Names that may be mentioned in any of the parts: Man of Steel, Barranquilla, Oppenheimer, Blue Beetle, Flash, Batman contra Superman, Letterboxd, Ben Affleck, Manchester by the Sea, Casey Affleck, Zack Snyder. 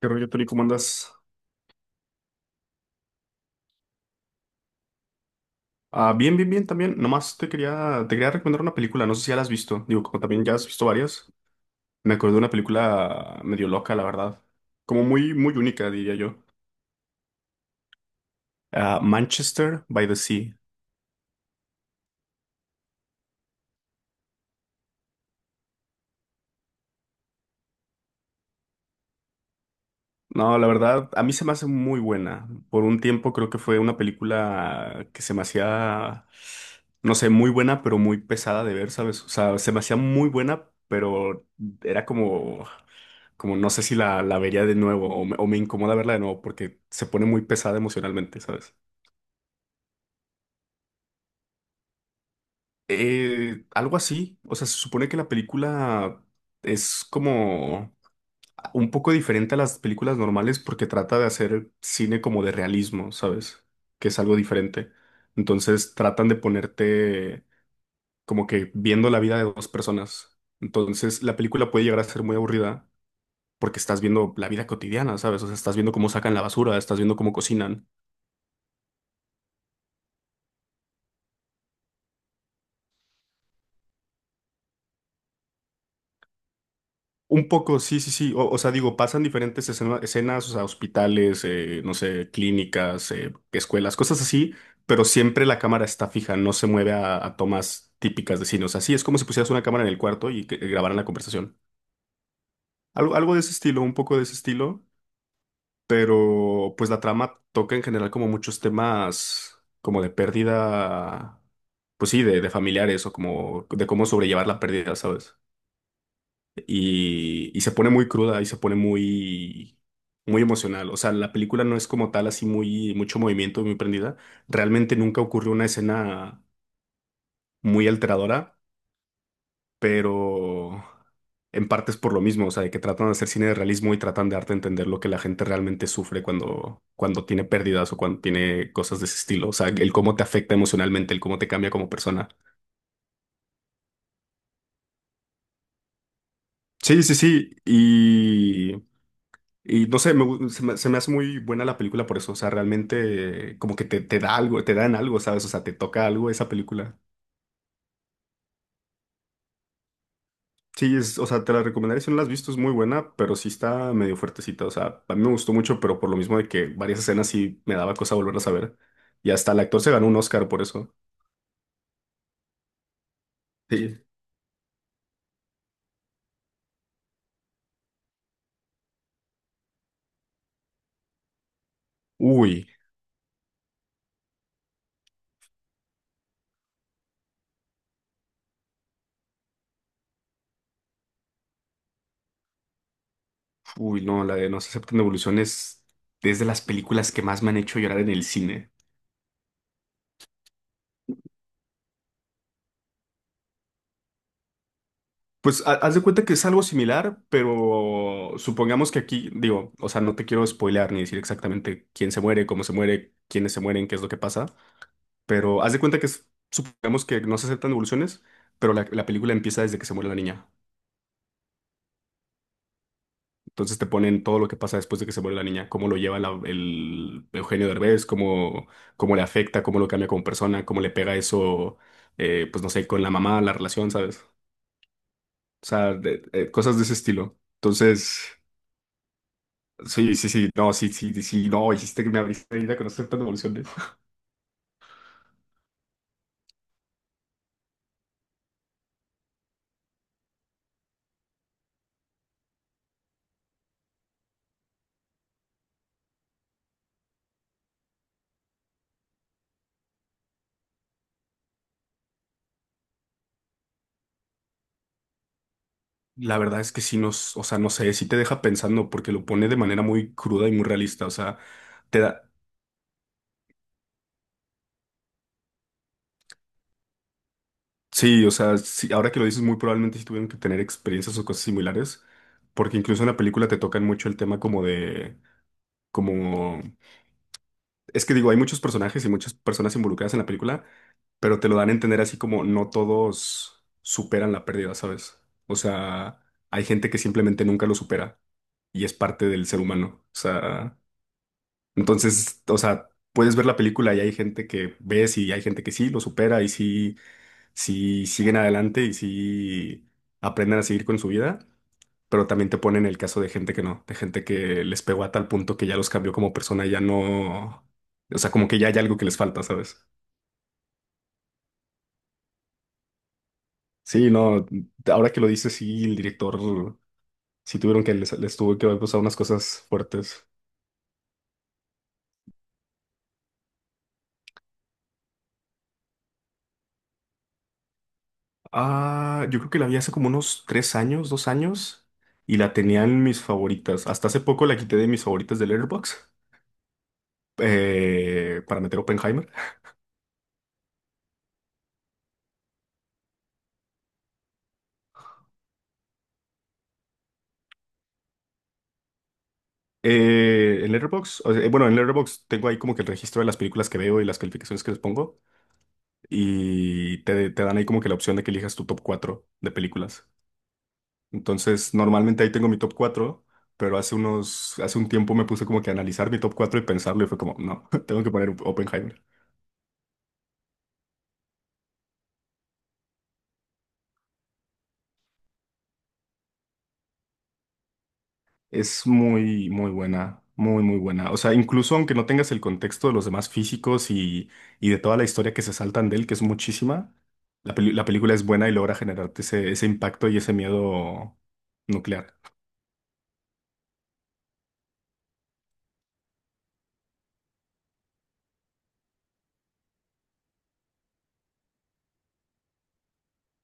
¿Qué rollo, Tori? ¿Cómo andas? Ah, bien, bien, bien también. Nomás te quería recomendar una película. No sé si ya la has visto. Digo, como también ya has visto varias. Me acordé de una película medio loca, la verdad. Como muy, muy única, diría yo. Ah, Manchester by the Sea. No, la verdad, a mí se me hace muy buena. Por un tiempo creo que fue una película que se me hacía, no sé, muy buena, pero muy pesada de ver, ¿sabes? O sea, se me hacía muy buena, pero era como no sé si la vería de nuevo o me incomoda verla de nuevo porque se pone muy pesada emocionalmente, ¿sabes? Algo así, o sea, se supone que la película es como un poco diferente a las películas normales porque trata de hacer cine como de realismo, ¿sabes? Que es algo diferente. Entonces tratan de ponerte como que viendo la vida de dos personas. Entonces la película puede llegar a ser muy aburrida porque estás viendo la vida cotidiana, ¿sabes? O sea, estás viendo cómo sacan la basura, estás viendo cómo cocinan. Un poco, sí, sí, sí. O sea, digo, pasan diferentes escenas, o sea, hospitales, no sé, clínicas, escuelas, cosas así, pero siempre la cámara está fija, no se mueve a tomas típicas de cine. O sea, sí, es como si pusieras una cámara en el cuarto y grabaran la conversación. Algo de ese estilo, un poco de ese estilo, pero pues la trama toca en general como muchos temas como de pérdida, pues sí, de familiares o como de cómo sobrellevar la pérdida, ¿sabes? Y se pone muy cruda y se pone muy, muy emocional. O sea, la película no es como tal así muy, mucho movimiento, muy prendida. Realmente nunca ocurrió una escena muy alteradora, pero en parte es por lo mismo, o sea, de que tratan de hacer cine de realismo y tratan de darte a entender lo que la gente realmente sufre cuando tiene pérdidas o cuando tiene cosas de ese estilo. O sea, el cómo te afecta emocionalmente, el cómo te cambia como persona. Sí, sí, sí. Y no sé, me gu- se me hace muy buena la película por eso. O sea, realmente como que te da algo, te dan algo, ¿sabes? O sea, te toca algo esa película. Sí, es, o sea, te la recomendaría si no la has visto, es muy buena, pero sí está medio fuertecita. O sea, a mí me gustó mucho, pero por lo mismo de que varias escenas sí me daba cosa volverlas a ver. Y hasta el actor se ganó un Oscar por eso. Sí. Uy, uy, no, la de No se aceptan devoluciones es de las películas que más me han hecho llorar en el cine. Pues haz de cuenta que es algo similar, pero supongamos que aquí, digo, o sea, no te quiero spoilear ni decir exactamente quién se muere, cómo se muere, quiénes se mueren, qué es lo que pasa, pero haz de cuenta que supongamos que no se aceptan devoluciones, pero la película empieza desde que se muere la niña. Entonces te ponen todo lo que pasa después de que se muere la niña, cómo lo lleva el Eugenio Derbez, cómo le afecta, cómo lo cambia como persona, cómo le pega eso, pues no sé, con la mamá, la relación, ¿sabes? O sea, cosas de ese estilo. Entonces. Sí, sí, sí, no, sí, sí, sí, no, hiciste que me abriste ahorita con estas devoluciones. La verdad es que sí nos, o sea, no sé, sí te deja pensando porque lo pone de manera muy cruda y muy realista, o sea, te da, sí, o sea, sí, ahora que lo dices, muy probablemente sí tuvieron que tener experiencias o cosas similares, porque incluso en la película te tocan mucho el tema como de, como, es que digo, hay muchos personajes y muchas personas involucradas en la película, pero te lo dan a entender así como no todos superan la pérdida, ¿sabes? O sea, hay gente que simplemente nunca lo supera y es parte del ser humano. O sea, entonces, o sea, puedes ver la película y hay gente que ves y hay gente que sí lo supera y sí, siguen adelante y sí aprenden a seguir con su vida. Pero también te ponen el caso de gente que no, de gente que les pegó a tal punto que ya los cambió como persona y ya no, o sea, como que ya hay algo que les falta, ¿sabes? Sí, no, ahora que lo dices, sí, el director, sí tuvieron que, les tuvo que haber pasado unas cosas fuertes. Ah, yo creo que la vi hace como unos 3 años, 2 años, y la tenía en mis favoritas. Hasta hace poco la quité de mis favoritas de Letterboxd, para meter Oppenheimer. En Letterboxd, o sea, bueno, en Letterboxd tengo ahí como que el registro de las películas que veo y las calificaciones que les pongo, y te dan ahí como que la opción de que elijas tu top 4 de películas. Entonces, normalmente ahí tengo mi top 4 pero hace un tiempo me puse como que a analizar mi top 4 y pensarlo y fue como, no, tengo que poner Oppenheimer. Es muy, muy buena, muy, muy buena. O sea, incluso aunque no tengas el contexto de los demás físicos y de toda la historia que se saltan de él, que es muchísima, la película es buena y logra generarte ese impacto y ese miedo nuclear.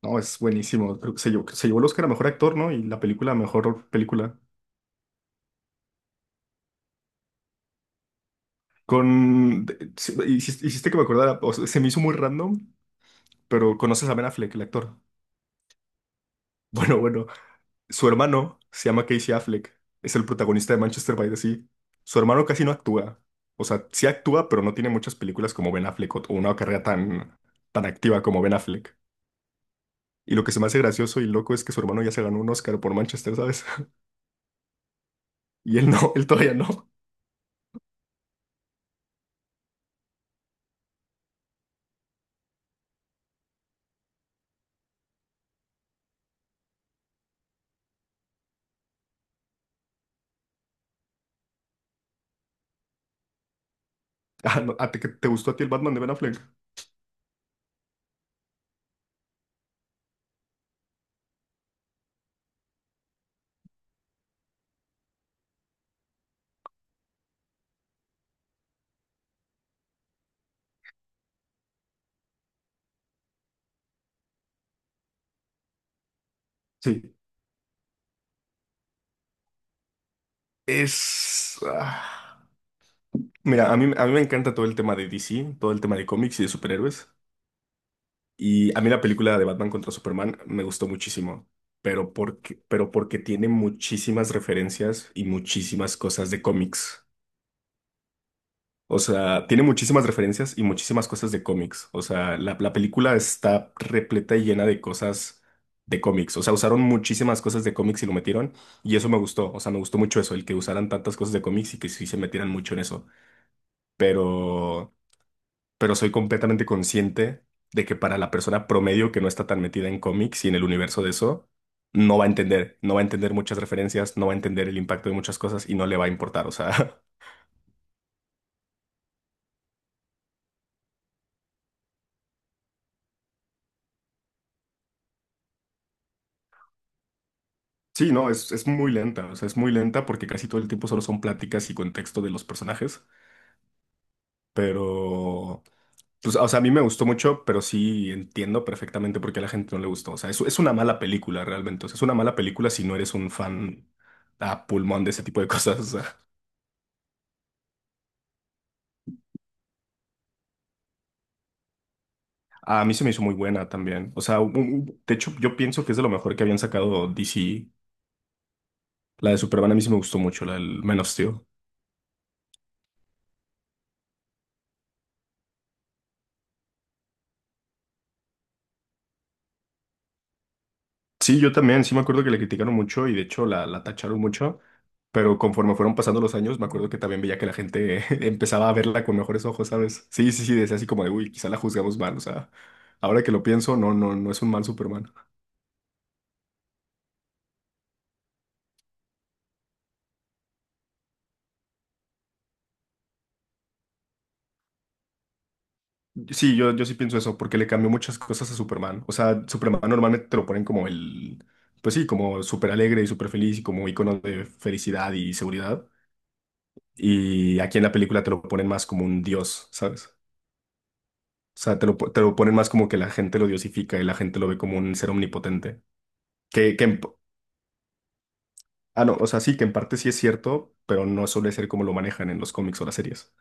No, es buenísimo. Creo que se llevó el Oscar a mejor actor, ¿no? Y la película a mejor película. Sí, hiciste que me acordara, o sea, se me hizo muy random, pero conoces a Ben Affleck, el actor. Bueno, bueno, su hermano se llama Casey Affleck, es el protagonista de Manchester by the Sea. Su hermano casi no actúa, o sea, sí actúa, pero no tiene muchas películas como Ben Affleck o una carrera tan, tan activa como Ben Affleck. Y lo que se me hace gracioso y loco es que su hermano ya se ganó un Oscar por Manchester, ¿sabes? Y él no, él todavía no. Ah, no, ¿a ti- que- te, gustó a ti el Batman de Ben Affleck? Sí. Es... ah, Mira, a mí me encanta todo el tema de DC, todo el tema de cómics y de superhéroes. Y a mí la película de Batman contra Superman me gustó muchísimo, pero porque tiene muchísimas referencias y muchísimas cosas de cómics. O sea, tiene muchísimas referencias y muchísimas cosas de cómics. O sea, la película está repleta y llena de cosas de cómics. O sea, usaron muchísimas cosas de cómics y lo metieron. Y eso me gustó. O sea, me gustó mucho eso, el que usaran tantas cosas de cómics y que sí se metieran mucho en eso. Pero... pero soy completamente consciente de que para la persona promedio que no está tan metida en cómics y en el universo de eso, no va a entender, no va a entender muchas referencias, no va a entender el impacto de muchas cosas y no le va a importar, o sea, sí, no, es muy lenta, o sea, es muy lenta porque casi todo el tiempo solo son pláticas y contexto de los personajes, pero. Pues, o sea, a mí me gustó mucho, pero sí entiendo perfectamente por qué a la gente no le gustó. O sea, es una mala película realmente. O sea, es una mala película si no eres un fan a pulmón de ese tipo de cosas. O sea. A mí se me hizo muy buena también. O sea, de hecho, yo pienso que es de lo mejor que habían sacado DC. La de Superman a mí sí me gustó mucho, la del Man of Steel. Sí, yo también, sí me acuerdo que le criticaron mucho y de hecho la tacharon mucho, pero conforme fueron pasando los años, me acuerdo que también veía que la gente empezaba a verla con mejores ojos, ¿sabes? Sí, sí, sí, decía así como de, uy, quizá la juzgamos mal, o sea, ahora que lo pienso, no, no, no es un mal Superman. Sí, yo sí pienso eso, porque le cambió muchas cosas a Superman. O sea, Superman normalmente te lo ponen como el, pues sí, como súper alegre y súper feliz y como icono de felicidad y seguridad. Y aquí en la película te lo ponen más como un dios, ¿sabes? O sea, te lo ponen más como que la gente lo diosifica y la gente lo ve como un ser omnipotente. Que en p- ah, no, o sea, sí, que en parte sí es cierto, pero no suele ser como lo manejan en los cómics o las series.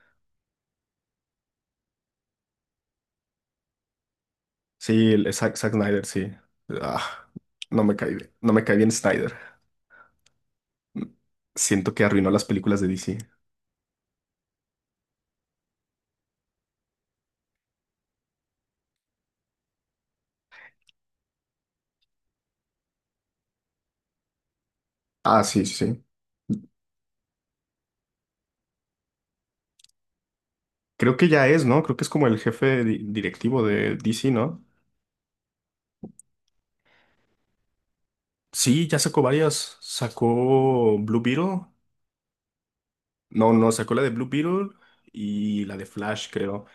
Sí, Zack Snyder, sí. Ah, no me cae bien, no me cae bien Snyder. Siento que arruinó las películas de DC. Ah, sí, sí. Sí. Creo que ya es, ¿no? Creo que es como el jefe directivo de DC, ¿no? Sí, ya sacó varias. Sacó Blue Beetle. No, no, sacó la de Blue Beetle y la de Flash, creo.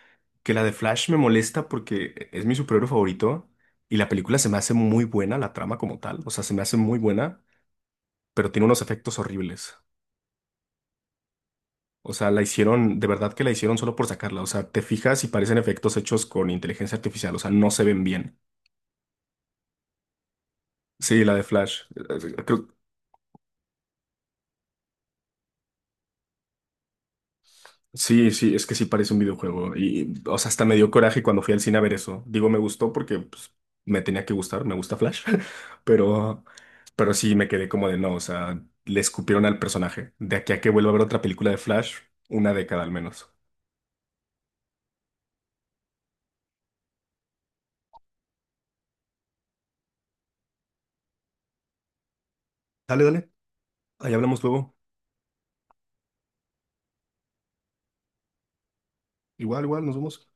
Que la de Flash me molesta porque es mi superhéroe favorito y la película se me hace muy buena, la trama como tal. O sea, se me hace muy buena, pero tiene unos efectos horribles. O sea, la hicieron, de verdad que la hicieron solo por sacarla. O sea, te fijas y parecen efectos hechos con inteligencia artificial. O sea, no se ven bien. Sí, la de Flash. Creo, sí, sí, es que sí parece un videojuego. Y, o sea, hasta me dio coraje cuando fui al cine a ver eso. Digo, me gustó porque pues, me tenía que gustar, me gusta Flash. Pero, pero sí me quedé como de no, o sea, le escupieron al personaje. De aquí a que vuelva a ver otra película de Flash, una década al menos. Dale, dale. Ahí hablamos luego. Igual, igual, nos vemos.